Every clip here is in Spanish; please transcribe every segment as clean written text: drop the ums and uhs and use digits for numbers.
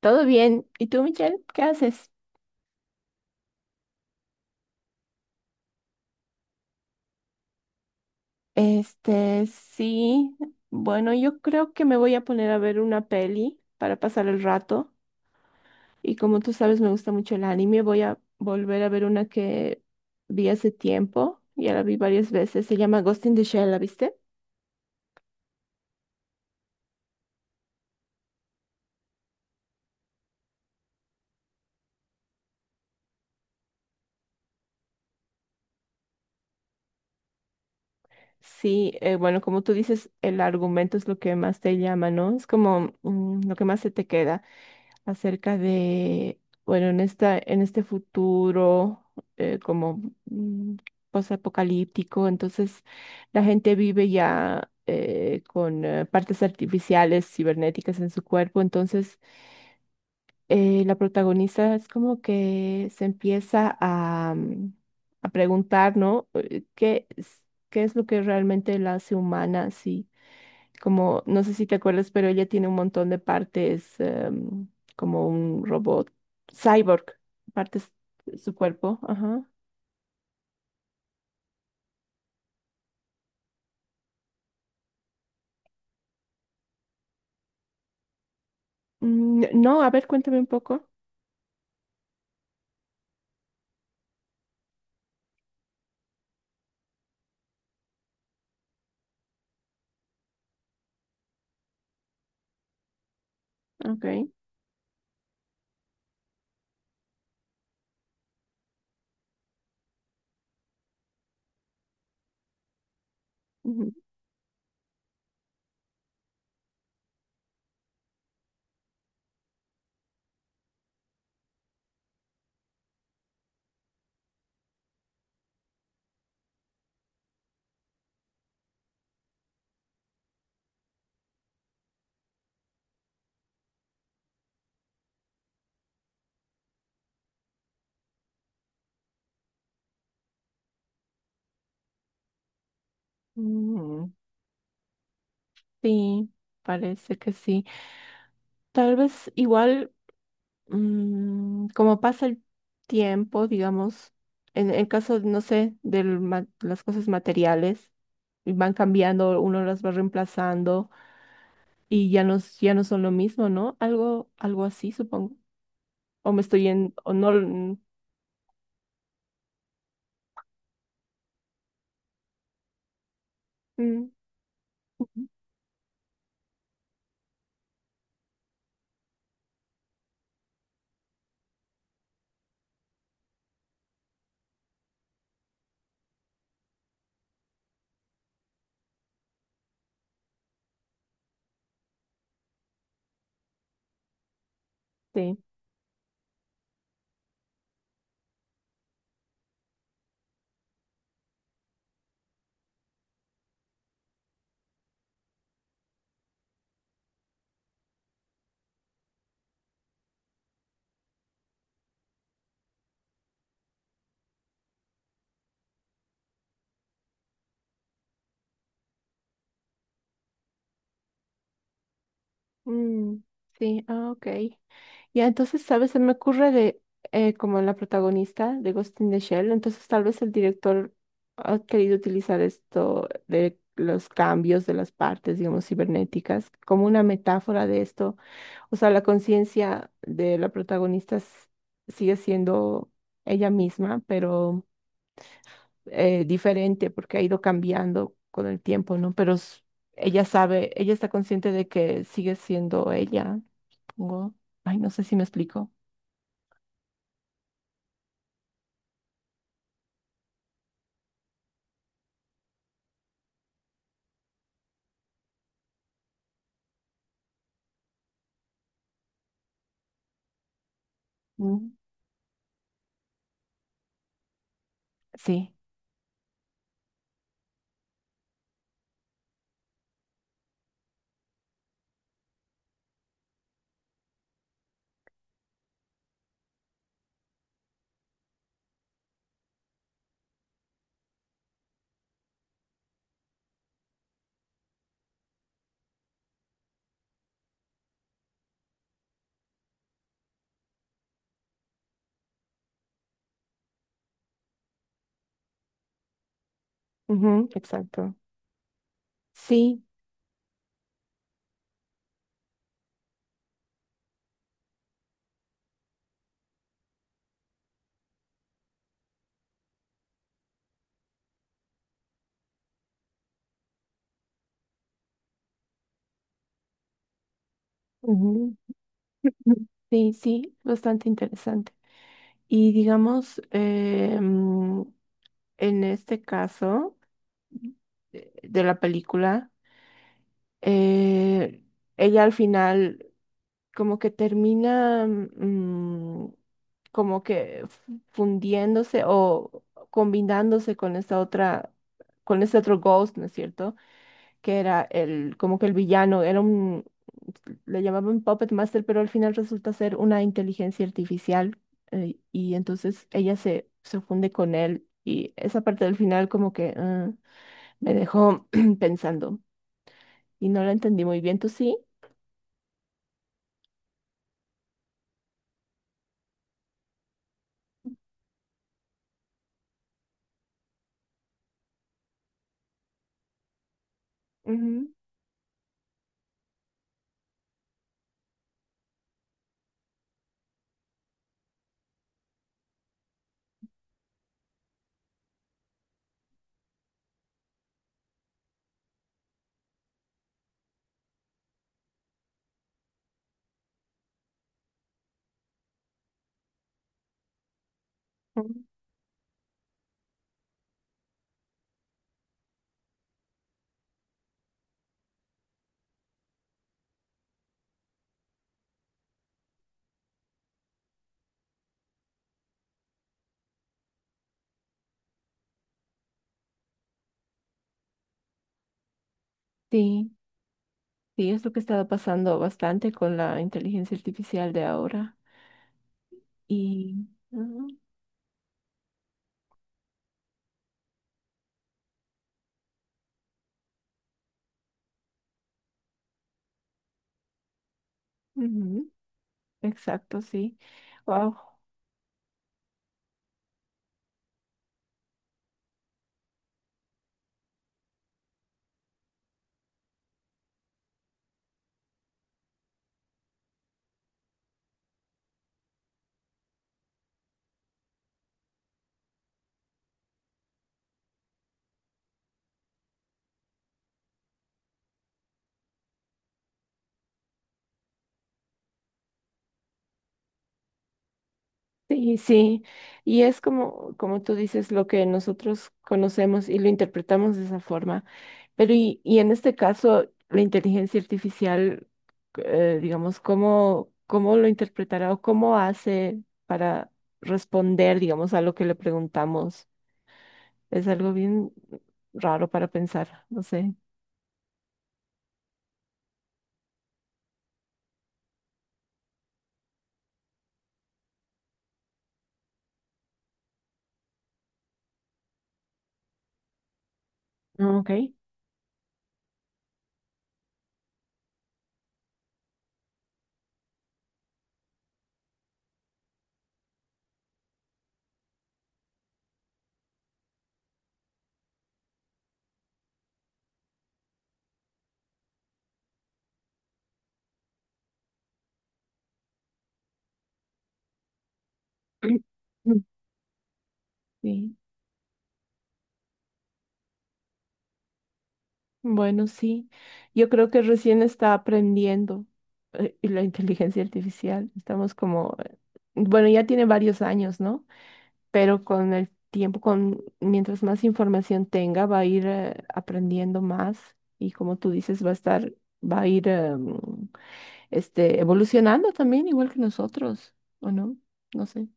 Todo bien. ¿Y tú, Michelle? ¿Qué haces? Este, sí. Bueno, yo creo que me voy a poner a ver una peli para pasar el rato. Y como tú sabes, me gusta mucho el anime. Voy a volver a ver una que vi hace tiempo. Ya la vi varias veces. Se llama Ghost in the Shell, ¿la viste? Sí, bueno, como tú dices, el argumento es lo que más te llama, ¿no? Es como lo que más se te queda acerca de, bueno, en este futuro eh, como mm, posapocalíptico. Entonces la gente vive ya con partes artificiales, cibernéticas en su cuerpo. Entonces la protagonista es como que se empieza a, a preguntar, ¿no? ¿ Qué es lo que realmente la hace humana? Sí, como, no sé si te acuerdas, pero ella tiene un montón de partes, como un robot, cyborg, partes de su cuerpo, ajá. Mm. No, a ver, cuéntame un poco. Ok. Ujú. Mm. Sí, parece que sí. Tal vez igual. Como pasa el tiempo, digamos, en el caso, no sé, de las cosas materiales, y van cambiando, uno las va reemplazando y ya no, ya no son lo mismo, ¿no? Algo, algo así, supongo. O me estoy en, o no, mm, mm, sí, mm, sí, ok. Ya, entonces, ¿sabes? Se me ocurre de como la protagonista de Ghost in the Shell. Entonces tal vez el director ha querido utilizar esto de los cambios de las partes, digamos, cibernéticas, como una metáfora de esto. O sea, la conciencia de la protagonista sigue siendo ella misma, pero diferente porque ha ido cambiando con el tiempo, ¿no? Pero ella sabe, ella está consciente de que sigue siendo ella. Supongo. Ay, no sé si me explico. Mm. Sí, ujú, exacto. Sí, ujú, ujú, sí, sí, bastante interesante. Y digamos, en este caso de la película, eh, ella al final como que termina como que fundiéndose o combinándose con esta otra, con este otro Ghost, ¿no es cierto? Que era el, como que el villano, era un, le llamaban Puppet Master, pero al final resulta ser una inteligencia artificial. Y entonces ella se, se funde con él, y esa parte del final como que me dejó pensando y no la entendí muy bien, ¿tú sí? Ujú, ujú. Sí. Sí, es lo que estaba pasando bastante con la inteligencia artificial de ahora. Y ujú, ujú, exacto, sí. Wow. Sí, sí. Y es como, como tú dices, lo que nosotros conocemos y lo interpretamos de esa forma. Pero y en este caso, la inteligencia artificial, digamos, ¿cómo, cómo lo interpretará o cómo hace para responder, digamos, a lo que le preguntamos? Es algo bien raro para pensar, no sé. Ah, ok. Sí. Bueno, sí. Yo creo que recién está aprendiendo la inteligencia artificial. Estamos como, bueno, ya tiene varios años, ¿no? Pero con el tiempo, con mientras más información tenga, va a ir aprendiendo más, y como tú dices, va a estar, va a ir evolucionando también, igual que nosotros, ¿o no? No sé.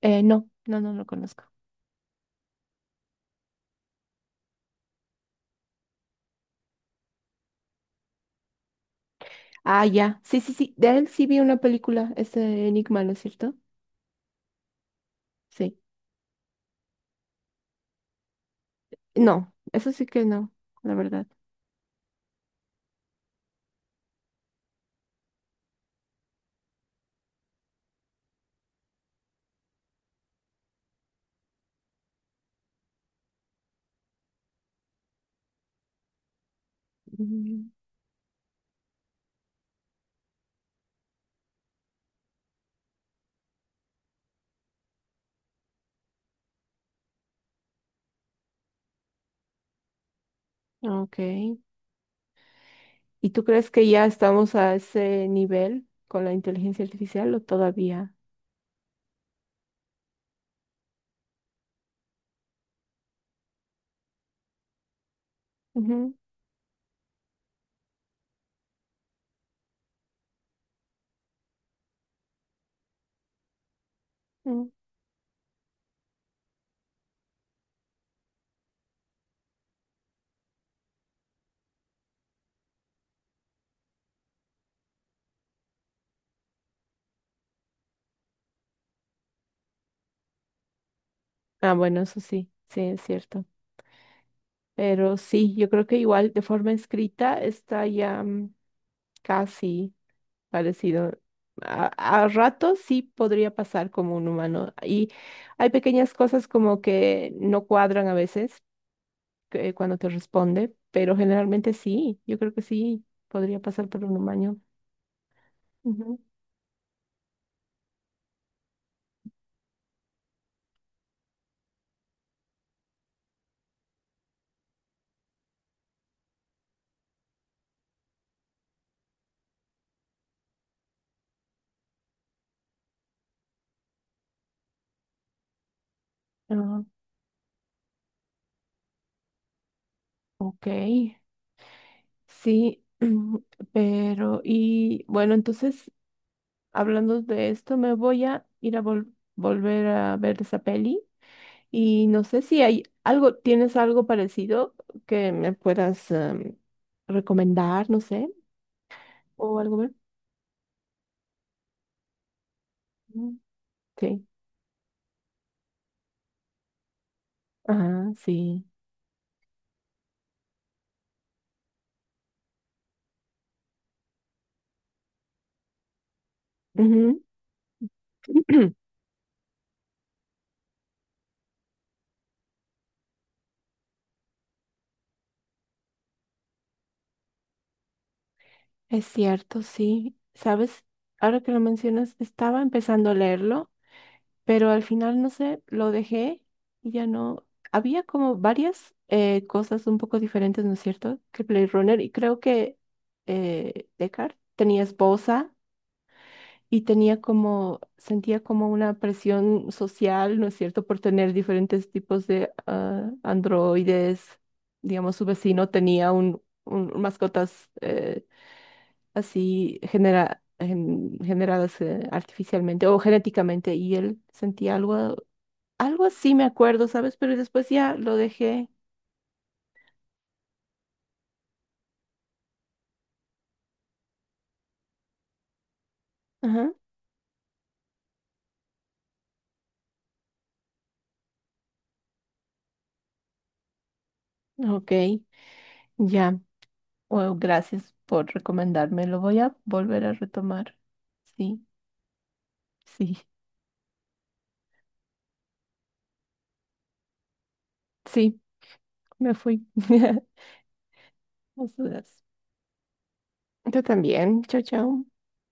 No, no lo conozco. Ah, ya. Sí, sí, sí. De él sí vi una película, ese Enigma, ¿no es cierto? Sí. No, eso sí que no, la verdad. Mm. Ok. ¿Y tú crees que ya estamos a ese nivel con la inteligencia artificial o todavía? Ujú. Mm. Ah, bueno, eso sí, sí, es cierto. Pero sí, yo creo que igual de forma escrita está ya casi parecido. A, a ratos sí podría pasar como un humano. Y hay pequeñas cosas como que no cuadran a veces cuando te responde, pero generalmente sí. Yo creo que sí podría pasar por un humano. Ujú. Ah, ok, sí, pero y bueno, entonces hablando de esto, me voy a ir a volver a ver esa peli. Y no sé si hay algo, ¿tienes algo parecido que me puedas recomendar, no sé, o algo más? Mm. Sí. Ah, sí. Ujú. Es cierto, sí. ¿Sabes? Ahora que lo mencionas, estaba empezando a leerlo, pero al final, no sé, lo dejé y ya no. Había como varias cosas un poco diferentes, ¿no es cierto? Que Blade Runner, y creo que Deckard tenía esposa y tenía como, sentía como una presión social, ¿no es cierto?, por tener diferentes tipos de androides. Digamos, su vecino tenía un, mascotas así generadas artificialmente o genéticamente, y él sentía algo, algo así, me acuerdo, ¿sabes? Pero después ya lo dejé. Ajá, ok, ya. Bueno, gracias por recomendarme. Lo voy a volver a retomar. Sí, sí. Sí. Me fui. Nos vemos. Tú también. Chao, chao.